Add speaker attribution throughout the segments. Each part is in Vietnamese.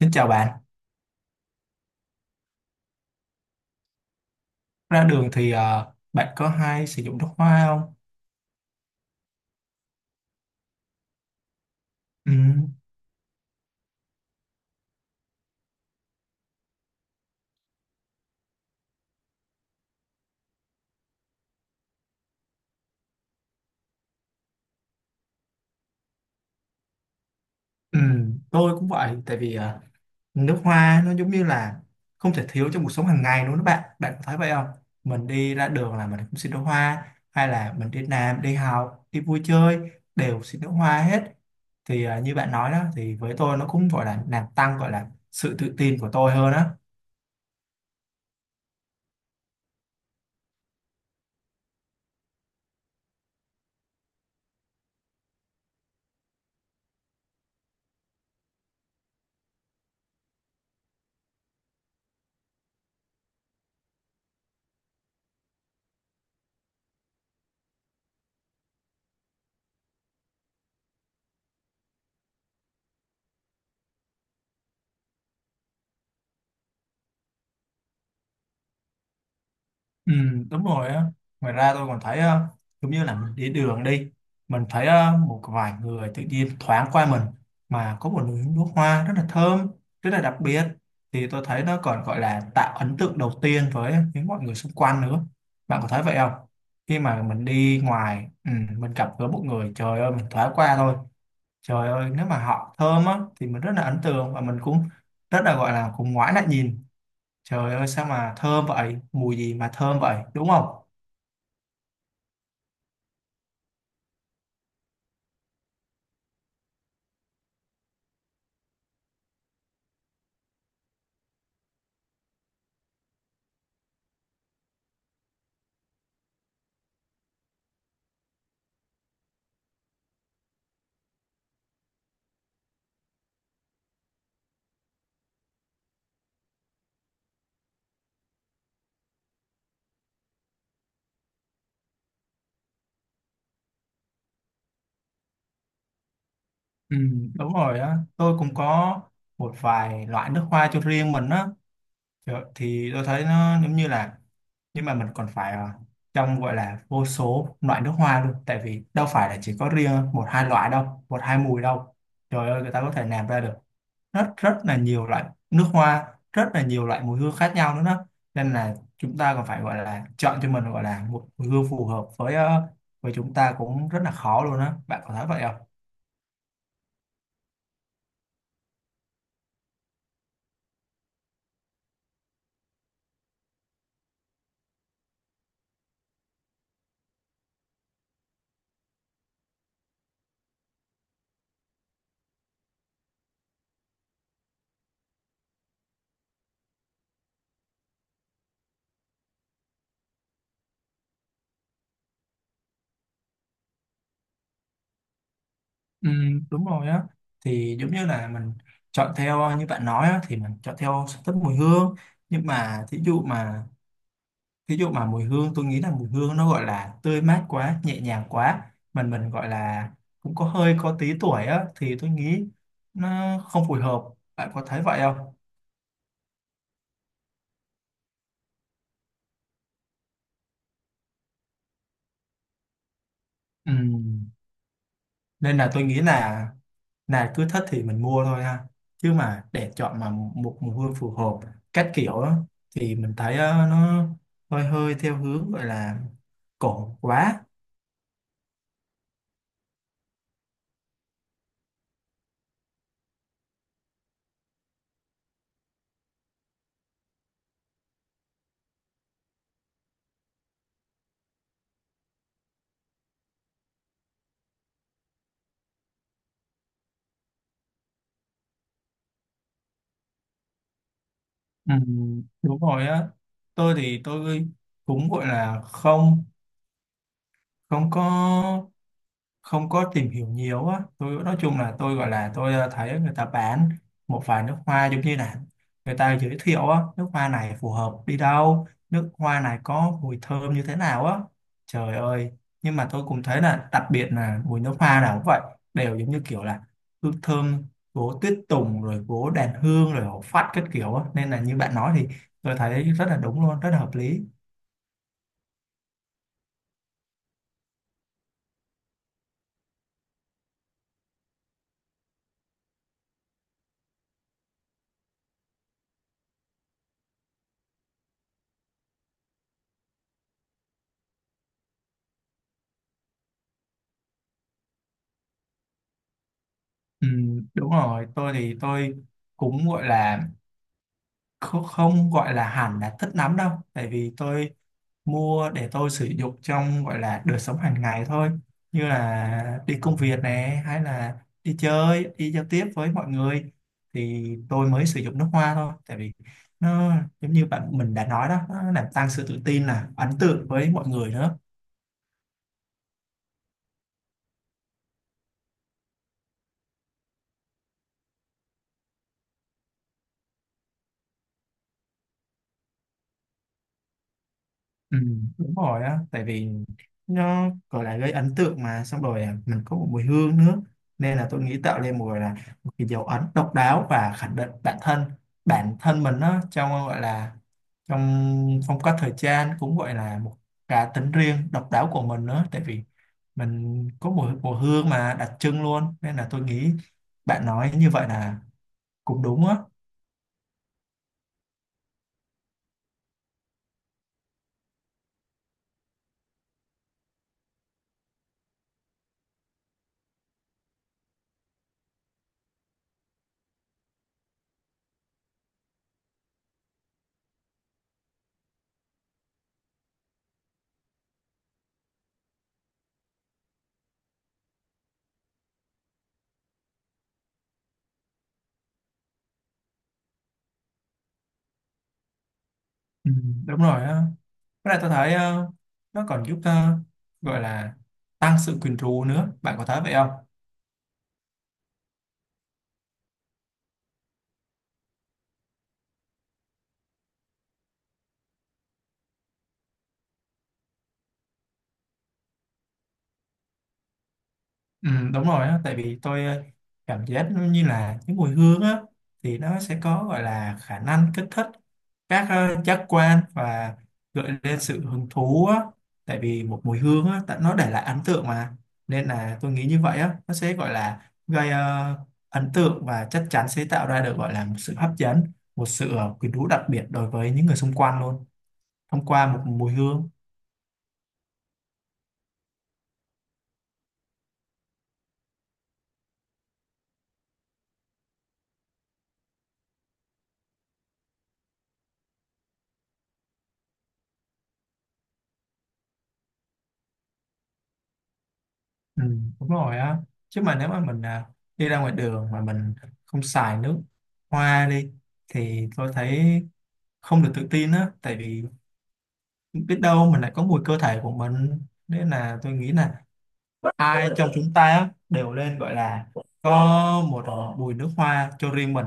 Speaker 1: Xin chào bạn. Ra đường thì bạn có hay sử dụng nước hoa không? Ừ, ừ, tôi cũng vậy. Tại vì nước hoa nó giống như là không thể thiếu trong cuộc sống hàng ngày luôn đó bạn. Bạn có thấy vậy không? Mình đi ra đường là mình cũng xin nước hoa. Hay là mình đi làm, đi học, đi vui chơi đều xin nước hoa hết. Thì như bạn nói đó thì với tôi nó cũng gọi là làm tăng, gọi là sự tự tin của tôi hơn á. Ừ, đúng rồi á. Ngoài ra tôi còn thấy giống như là mình đi đường đi, mình thấy một vài người tự nhiên thoáng qua mình mà có một nụ nước hoa rất là thơm, rất là đặc biệt, thì tôi thấy nó còn gọi là tạo ấn tượng đầu tiên với những mọi người xung quanh nữa. Bạn có thấy vậy không, khi mà mình đi ngoài, ừ, mình gặp gỡ một người, trời ơi mình thoáng qua thôi, trời ơi nếu mà họ thơm á thì mình rất là ấn tượng và mình cũng rất là gọi là cũng ngoái lại nhìn. Trời ơi sao mà thơm vậy, mùi gì mà thơm vậy, đúng không? Ừ, đúng rồi á, tôi cũng có một vài loại nước hoa cho riêng mình á. Trời, thì tôi thấy nó giống như là, nhưng mà mình còn phải trong gọi là vô số loại nước hoa luôn, tại vì đâu phải là chỉ có riêng một hai loại đâu, một hai mùi đâu. Trời ơi người ta có thể làm ra được rất rất là nhiều loại nước hoa, rất là nhiều loại mùi hương khác nhau nữa đó. Nên là chúng ta còn phải gọi là chọn cho mình gọi là một mùi hương phù hợp với chúng ta cũng rất là khó luôn á. Bạn có thấy vậy không? Ừ, đúng rồi á, thì giống như là mình chọn theo như bạn nói á, thì mình chọn theo sở thích mùi hương, nhưng mà thí dụ mà ví dụ mà mùi hương, tôi nghĩ là mùi hương nó gọi là tươi mát quá, nhẹ nhàng quá, mình gọi là cũng có hơi có tí tuổi á thì tôi nghĩ nó không phù hợp. Bạn có thấy vậy không? Ừ, nên là tôi nghĩ là cứ thích thì mình mua thôi ha, chứ mà để chọn mà một mùi hương phù hợp các kiểu á, thì mình thấy nó hơi hơi theo hướng gọi là cổ quá. Ừ, đúng rồi á. Tôi thì tôi cũng gọi là không không có không có tìm hiểu nhiều á. Tôi nói chung là tôi gọi là tôi thấy người ta bán một vài nước hoa, giống như là người ta giới thiệu á, nước hoa này phù hợp đi đâu, nước hoa này có mùi thơm như thế nào á. Trời ơi, nhưng mà tôi cũng thấy là đặc biệt là mùi nước hoa nào cũng vậy, đều giống như kiểu là hương thơm gỗ tuyết tùng, rồi gỗ đàn hương, rồi hổ phách các kiểu á, nên là như bạn nói thì tôi thấy rất là đúng luôn, rất là hợp lý. Ừ, đúng rồi, tôi thì tôi cũng gọi là không gọi là hẳn là thích lắm đâu, tại vì tôi mua để tôi sử dụng trong gọi là đời sống hàng ngày thôi, như là đi công việc này hay là đi chơi, đi giao tiếp với mọi người thì tôi mới sử dụng nước hoa thôi, tại vì nó giống như bạn mình đã nói đó, nó làm tăng sự tự tin là ấn tượng với mọi người nữa. Ừ, đúng rồi á, tại vì nó gọi là gây ấn tượng mà, xong rồi mình có một mùi hương nữa, nên là tôi nghĩ tạo nên một gọi là một cái dấu ấn độc đáo và khẳng định bản thân mình đó, trong gọi là trong phong cách thời trang, cũng gọi là một cá tính riêng độc đáo của mình nữa, tại vì mình có mùi mùi hương mà đặc trưng luôn, nên là tôi nghĩ bạn nói như vậy là cũng đúng á. Ừ, đúng rồi á. Với lại tôi thấy nó còn giúp gọi là tăng sự quyến rũ nữa. Bạn có thấy vậy không? Ừ, đúng rồi á, tại vì tôi cảm giác nó như là những mùi hương á thì nó sẽ có gọi là khả năng kích thích các giác quan và gợi lên sự hứng thú á. Tại vì một mùi hương á, tại nó để lại ấn tượng mà. Nên là tôi nghĩ như vậy á, nó sẽ gọi là gây ấn tượng và chắc chắn sẽ tạo ra được gọi là một sự hấp dẫn, một sự quyến rũ đặc biệt đối với những người xung quanh luôn, thông qua một mùi hương. Ừ, đúng rồi á, chứ mà nếu mà mình đi ra ngoài đường mà mình không xài nước hoa đi thì tôi thấy không được tự tin á, tại vì biết đâu mình lại có mùi cơ thể của mình, nên là tôi nghĩ là ai trong chúng ta á đều nên gọi là có một mùi nước hoa cho riêng mình.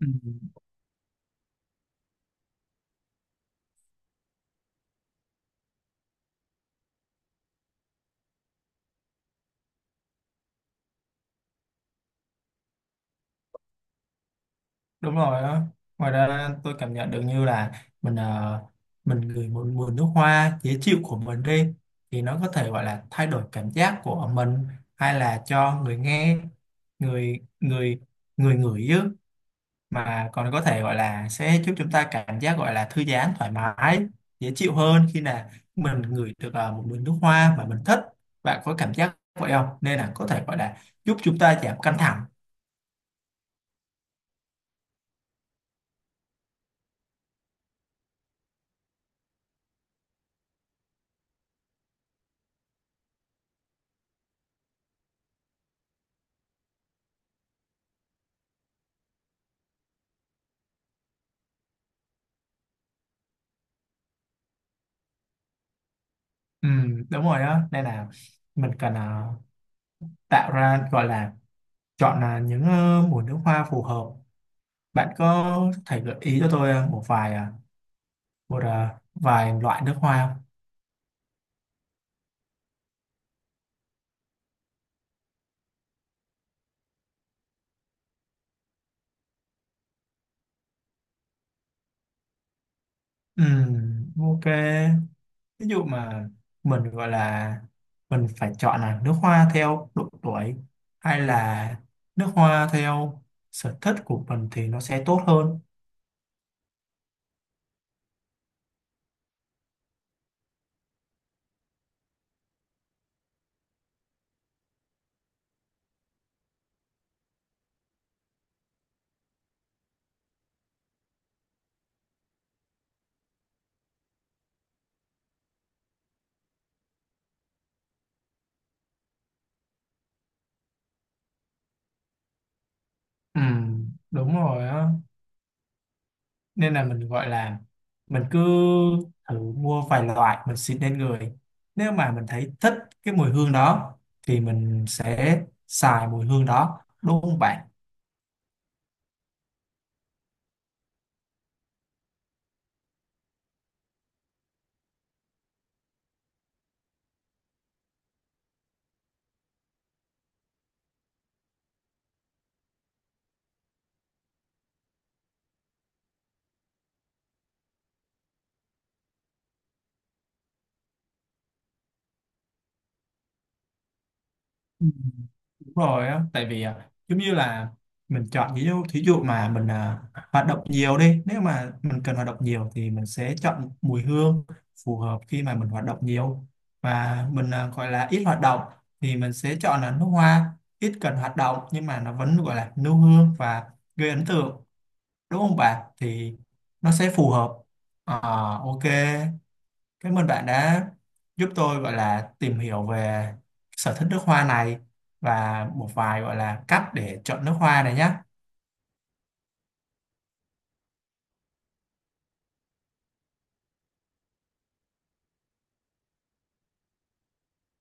Speaker 1: Ừ, đúng rồi á. Ngoài ra tôi cảm nhận được như là mình ờ, mình ngửi một mùi nước hoa dễ chịu của mình đi thì nó có thể gọi là thay đổi cảm giác của mình, hay là cho người nghe, người người người ngửi chứ, mà còn có thể gọi là sẽ giúp chúng ta cảm giác gọi là thư giãn, thoải mái, dễ chịu hơn khi là mình ngửi được một mùi nước hoa mà mình thích. Bạn có cảm giác vậy không, nên là có thể gọi là giúp chúng ta giảm căng thẳng. Ừ, đúng rồi đó, nên là mình cần tạo ra gọi là chọn là những mùa nước hoa phù hợp. Bạn có thể gợi ý cho tôi một vài loại nước hoa không? Ok, ví dụ mà mình gọi là mình phải chọn là nước hoa theo độ tuổi hay là nước hoa theo sở thích của mình thì nó sẽ tốt hơn. Đúng rồi á, nên là mình gọi là mình cứ thử mua vài loại mình xịt lên người, nếu mà mình thấy thích cái mùi hương đó thì mình sẽ xài mùi hương đó, đúng không bạn? Ừ. Đúng rồi á, tại vì giống như là mình chọn, ví dụ thí dụ mà mình hoạt động nhiều đi, nếu mà mình cần hoạt động nhiều thì mình sẽ chọn mùi hương phù hợp khi mà mình hoạt động nhiều, và mình gọi là ít hoạt động thì mình sẽ chọn là nước hoa ít cần hoạt động, nhưng mà nó vẫn gọi là nêu hương và gây ấn tượng, đúng không bạn? Thì nó sẽ phù hợp. Ờ, ok, cảm ơn bạn đã giúp tôi gọi là tìm hiểu về sở thích nước hoa này và một vài gọi là cách để chọn nước hoa này nhé.